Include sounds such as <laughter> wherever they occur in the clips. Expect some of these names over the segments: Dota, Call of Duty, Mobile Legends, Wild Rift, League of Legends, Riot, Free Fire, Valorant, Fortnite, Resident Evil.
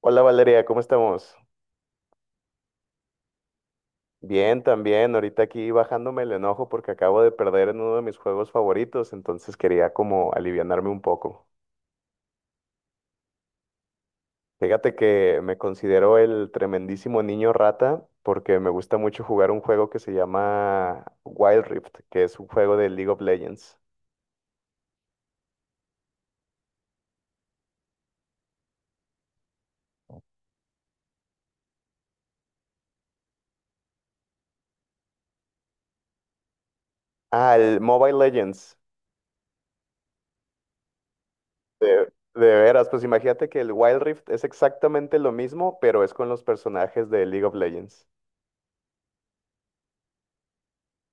Hola Valeria, ¿cómo estamos? Bien, también. Ahorita aquí bajándome el enojo porque acabo de perder en uno de mis juegos favoritos, entonces quería como alivianarme un poco. Fíjate que me considero el tremendísimo niño rata porque me gusta mucho jugar un juego que se llama Wild Rift, que es un juego de League of Legends. Ah, el Mobile Legends. De, de veras, pues imagínate que el Wild Rift es exactamente lo mismo, pero es con los personajes de League of Legends.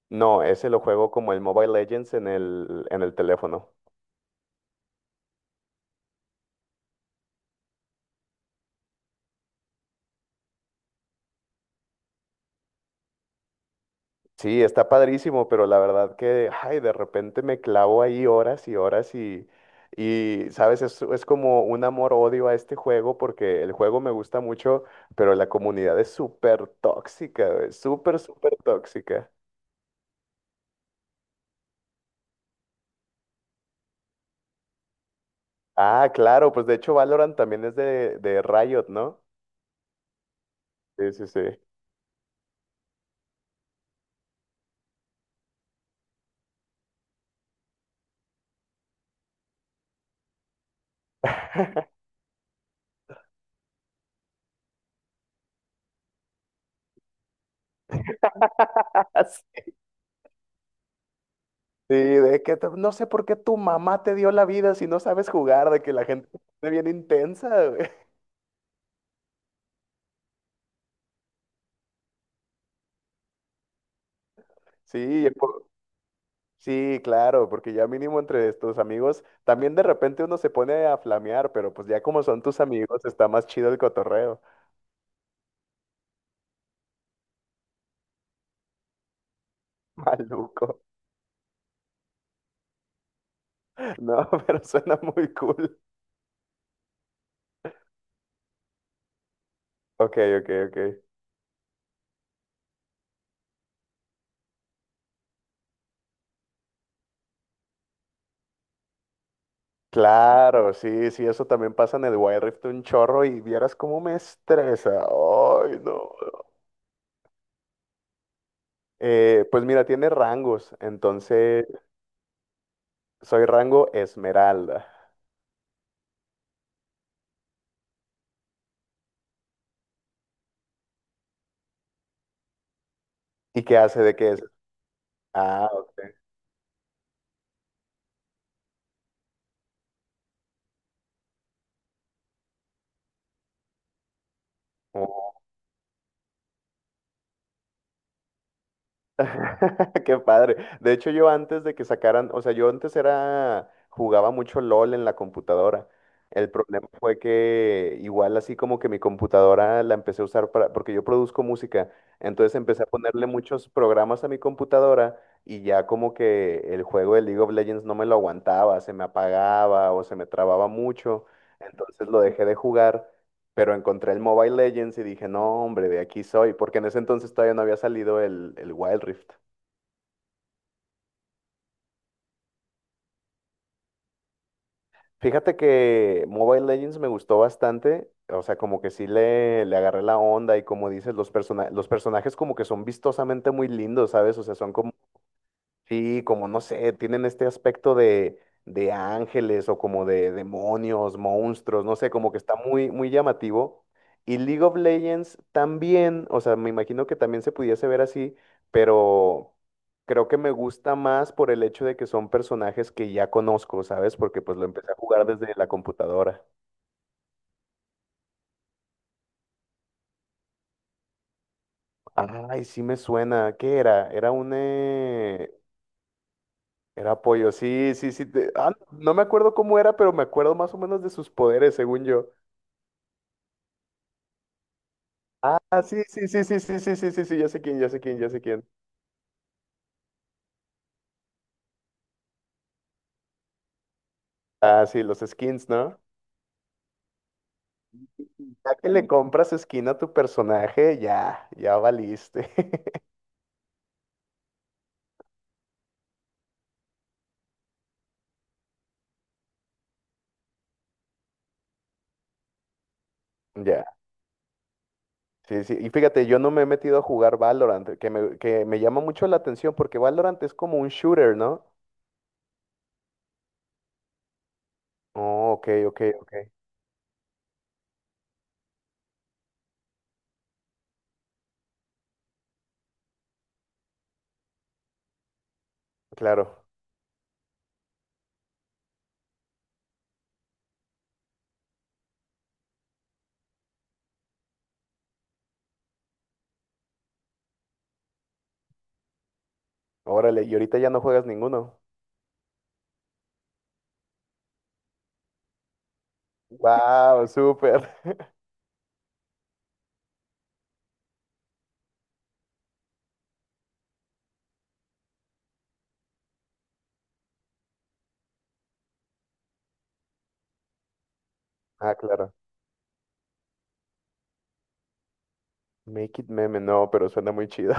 No, ese lo juego como el Mobile Legends en el teléfono. Sí, está padrísimo, pero la verdad que, ay, de repente me clavo ahí horas y horas y sabes, es como un amor-odio a este juego porque el juego me gusta mucho, pero la comunidad es súper tóxica, güey, súper, súper tóxica. Ah, claro, pues de hecho Valorant también es de Riot, ¿no? Sí, sí, sí. <laughs> No sé por qué tu mamá te dio la vida si no sabes jugar, de que la gente se pone bien intensa, güey. <laughs> Sí, por- sí, claro, porque ya mínimo entre tus amigos, también de repente uno se pone a flamear, pero pues ya como son tus amigos, está más chido el cotorreo. <laughs> Maluco. No, <laughs> pero suena muy cool. Ok, ok, ok. Claro, sí, sí, eso también pasa en el Wild Rift un chorro y vieras cómo me estresa. Ay, no. Pues mira, tiene rangos, entonces. Soy rango esmeralda. ¿Y qué hace de qué es? Ah, ok. Oh. <laughs> Qué padre. De hecho, yo antes de que sacaran, o sea, yo antes era, jugaba mucho LOL en la computadora. El problema fue que igual así como que mi computadora la empecé a usar para, porque yo produzco música, entonces empecé a ponerle muchos programas a mi computadora y ya como que el juego de League of Legends no me lo aguantaba, se me apagaba o se me trababa mucho, entonces lo dejé de jugar. Pero encontré el Mobile Legends y dije, no, hombre, de aquí soy, porque en ese entonces todavía no había salido el Wild Rift. Fíjate que Mobile Legends me gustó bastante, o sea, como que sí le agarré la onda y como dices, los personajes como que son vistosamente muy lindos, ¿sabes? O sea, son como sí, como no sé, tienen este aspecto de ángeles o como de demonios, monstruos, no sé, como que está muy, muy llamativo. Y League of Legends también, o sea, me imagino que también se pudiese ver así, pero creo que me gusta más por el hecho de que son personajes que ya conozco, ¿sabes? Porque pues lo empecé a jugar desde la computadora. Ay, sí me suena. ¿Qué era? Era un... era pollo, sí, sí, sí. Ah, no me acuerdo cómo era, pero me acuerdo más o menos de sus poderes, según yo. Ah, sí, sí, sí, sí, sí, sí, sí, sí, sí, ya sé quién, ya sé quién, ya sé quién. Ah, sí, los skins, ¿no? Ya que le compras skin a tu personaje, ya, ya valiste. <laughs> Ya, sí, sí. Y fíjate, yo no me he metido a jugar Valorant, que me llama mucho la atención porque Valorant es como un shooter, ¿no? Oh, ok, ok, ok. Claro. Órale, y ahorita ya no juegas ninguno. Wow, súper. <laughs> Ah, claro. Make it meme, no, pero suena muy chido.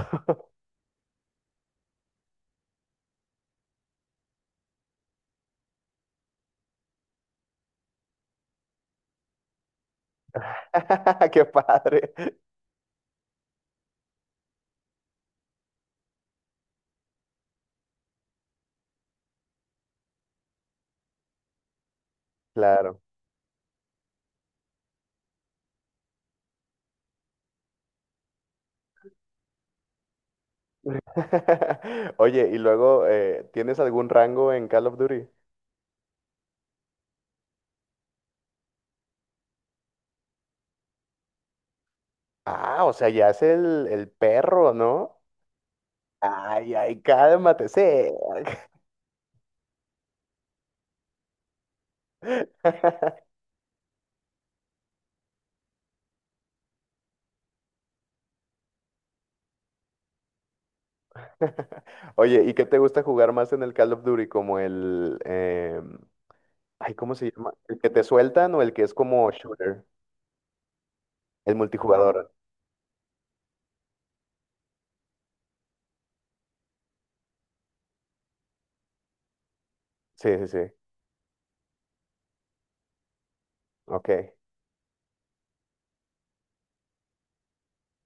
<laughs> Qué padre. Claro. <laughs> Oye, y luego, ¿tienes algún rango en Call of Duty? Ah, o sea, ya es el perro, ¿no? Ay, ay, cálmate, sí. <laughs> Oye, ¿y qué te gusta jugar más en el Call of Duty? ¿Como el... ay, ¿cómo se llama? ¿El que te sueltan o el que es como shooter? El multijugador. Sí, sí, sí. Ok.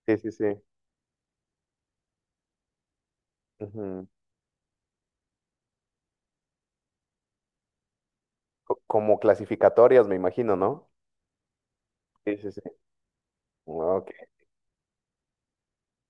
Sí, sí, sí. Ujú. Como clasificatorias, me imagino, ¿no? Sí, sí, sí. Ok.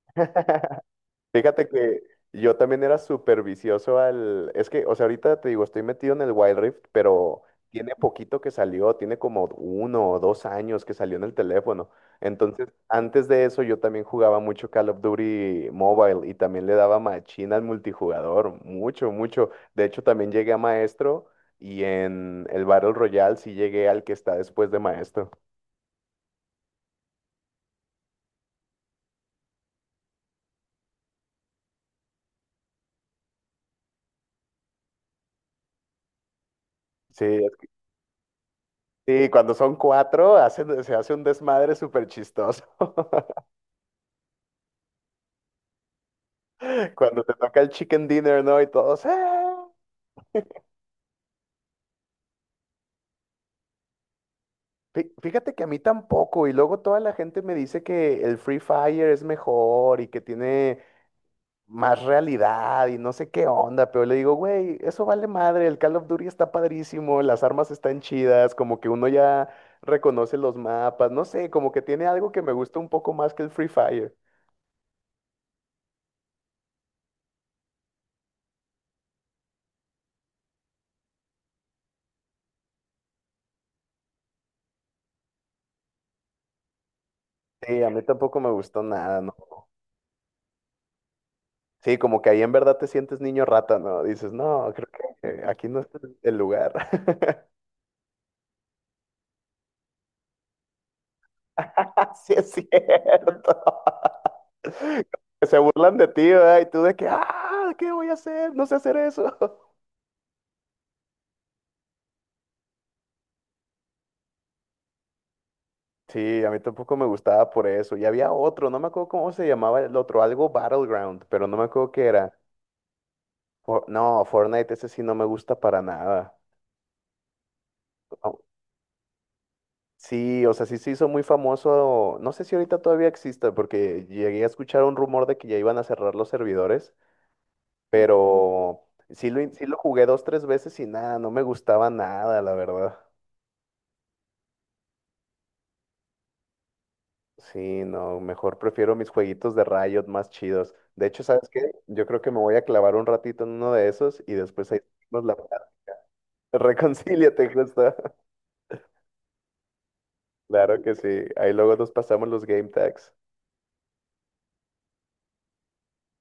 <laughs> Fíjate que yo también era súper vicioso al... Es que, o sea, ahorita te digo, estoy metido en el Wild Rift, pero tiene poquito que salió, tiene como uno o dos años que salió en el teléfono. Entonces, antes de eso yo también jugaba mucho Call of Duty Mobile y también le daba machina al multijugador, mucho, mucho. De hecho, también llegué a maestro y en el Battle Royale sí llegué al que está después de maestro. Sí, sí, cuando son cuatro, se hace un desmadre súper chistoso. <laughs> Cuando te toca el chicken dinner, ¿no? Y todos, ¡eh! Fíjate que a mí tampoco, y luego toda la gente me dice que el Free Fire es mejor y que tiene más realidad y no sé qué onda, pero le digo, güey, eso vale madre, el Call of Duty está padrísimo, las armas están chidas, como que uno ya reconoce los mapas, no sé, como que tiene algo que me gusta un poco más que el Free Fire. Sí, a mí tampoco me gustó nada, ¿no? Sí, como que ahí en verdad te sientes niño rata, ¿no? Dices, no, creo que aquí no es el lugar. <laughs> Sí, es cierto. <laughs> Que se burlan de ti, ¿verdad? Y tú de que, ah, ¿qué voy a hacer? No sé hacer eso. <laughs> Sí, a mí tampoco me gustaba por eso. Y había otro, no me acuerdo cómo se llamaba el otro, algo Battleground, pero no me acuerdo qué era. Fortnite, ese sí no me gusta para nada. Au- Sí, o sea, sí se hizo muy famoso. No sé si ahorita todavía exista, porque llegué a escuchar un rumor de que ya iban a cerrar los servidores, pero sí sí lo jugué dos, tres veces y nada, no me gustaba nada, la verdad. Sí, no, mejor prefiero mis jueguitos de Riot más chidos. De hecho, ¿sabes qué? Yo creo que me voy a clavar un ratito en uno de esos y después ahí nos la... <laughs> Reconcíliate, justo. <laughs> Claro que sí. Ahí luego nos pasamos los game tags.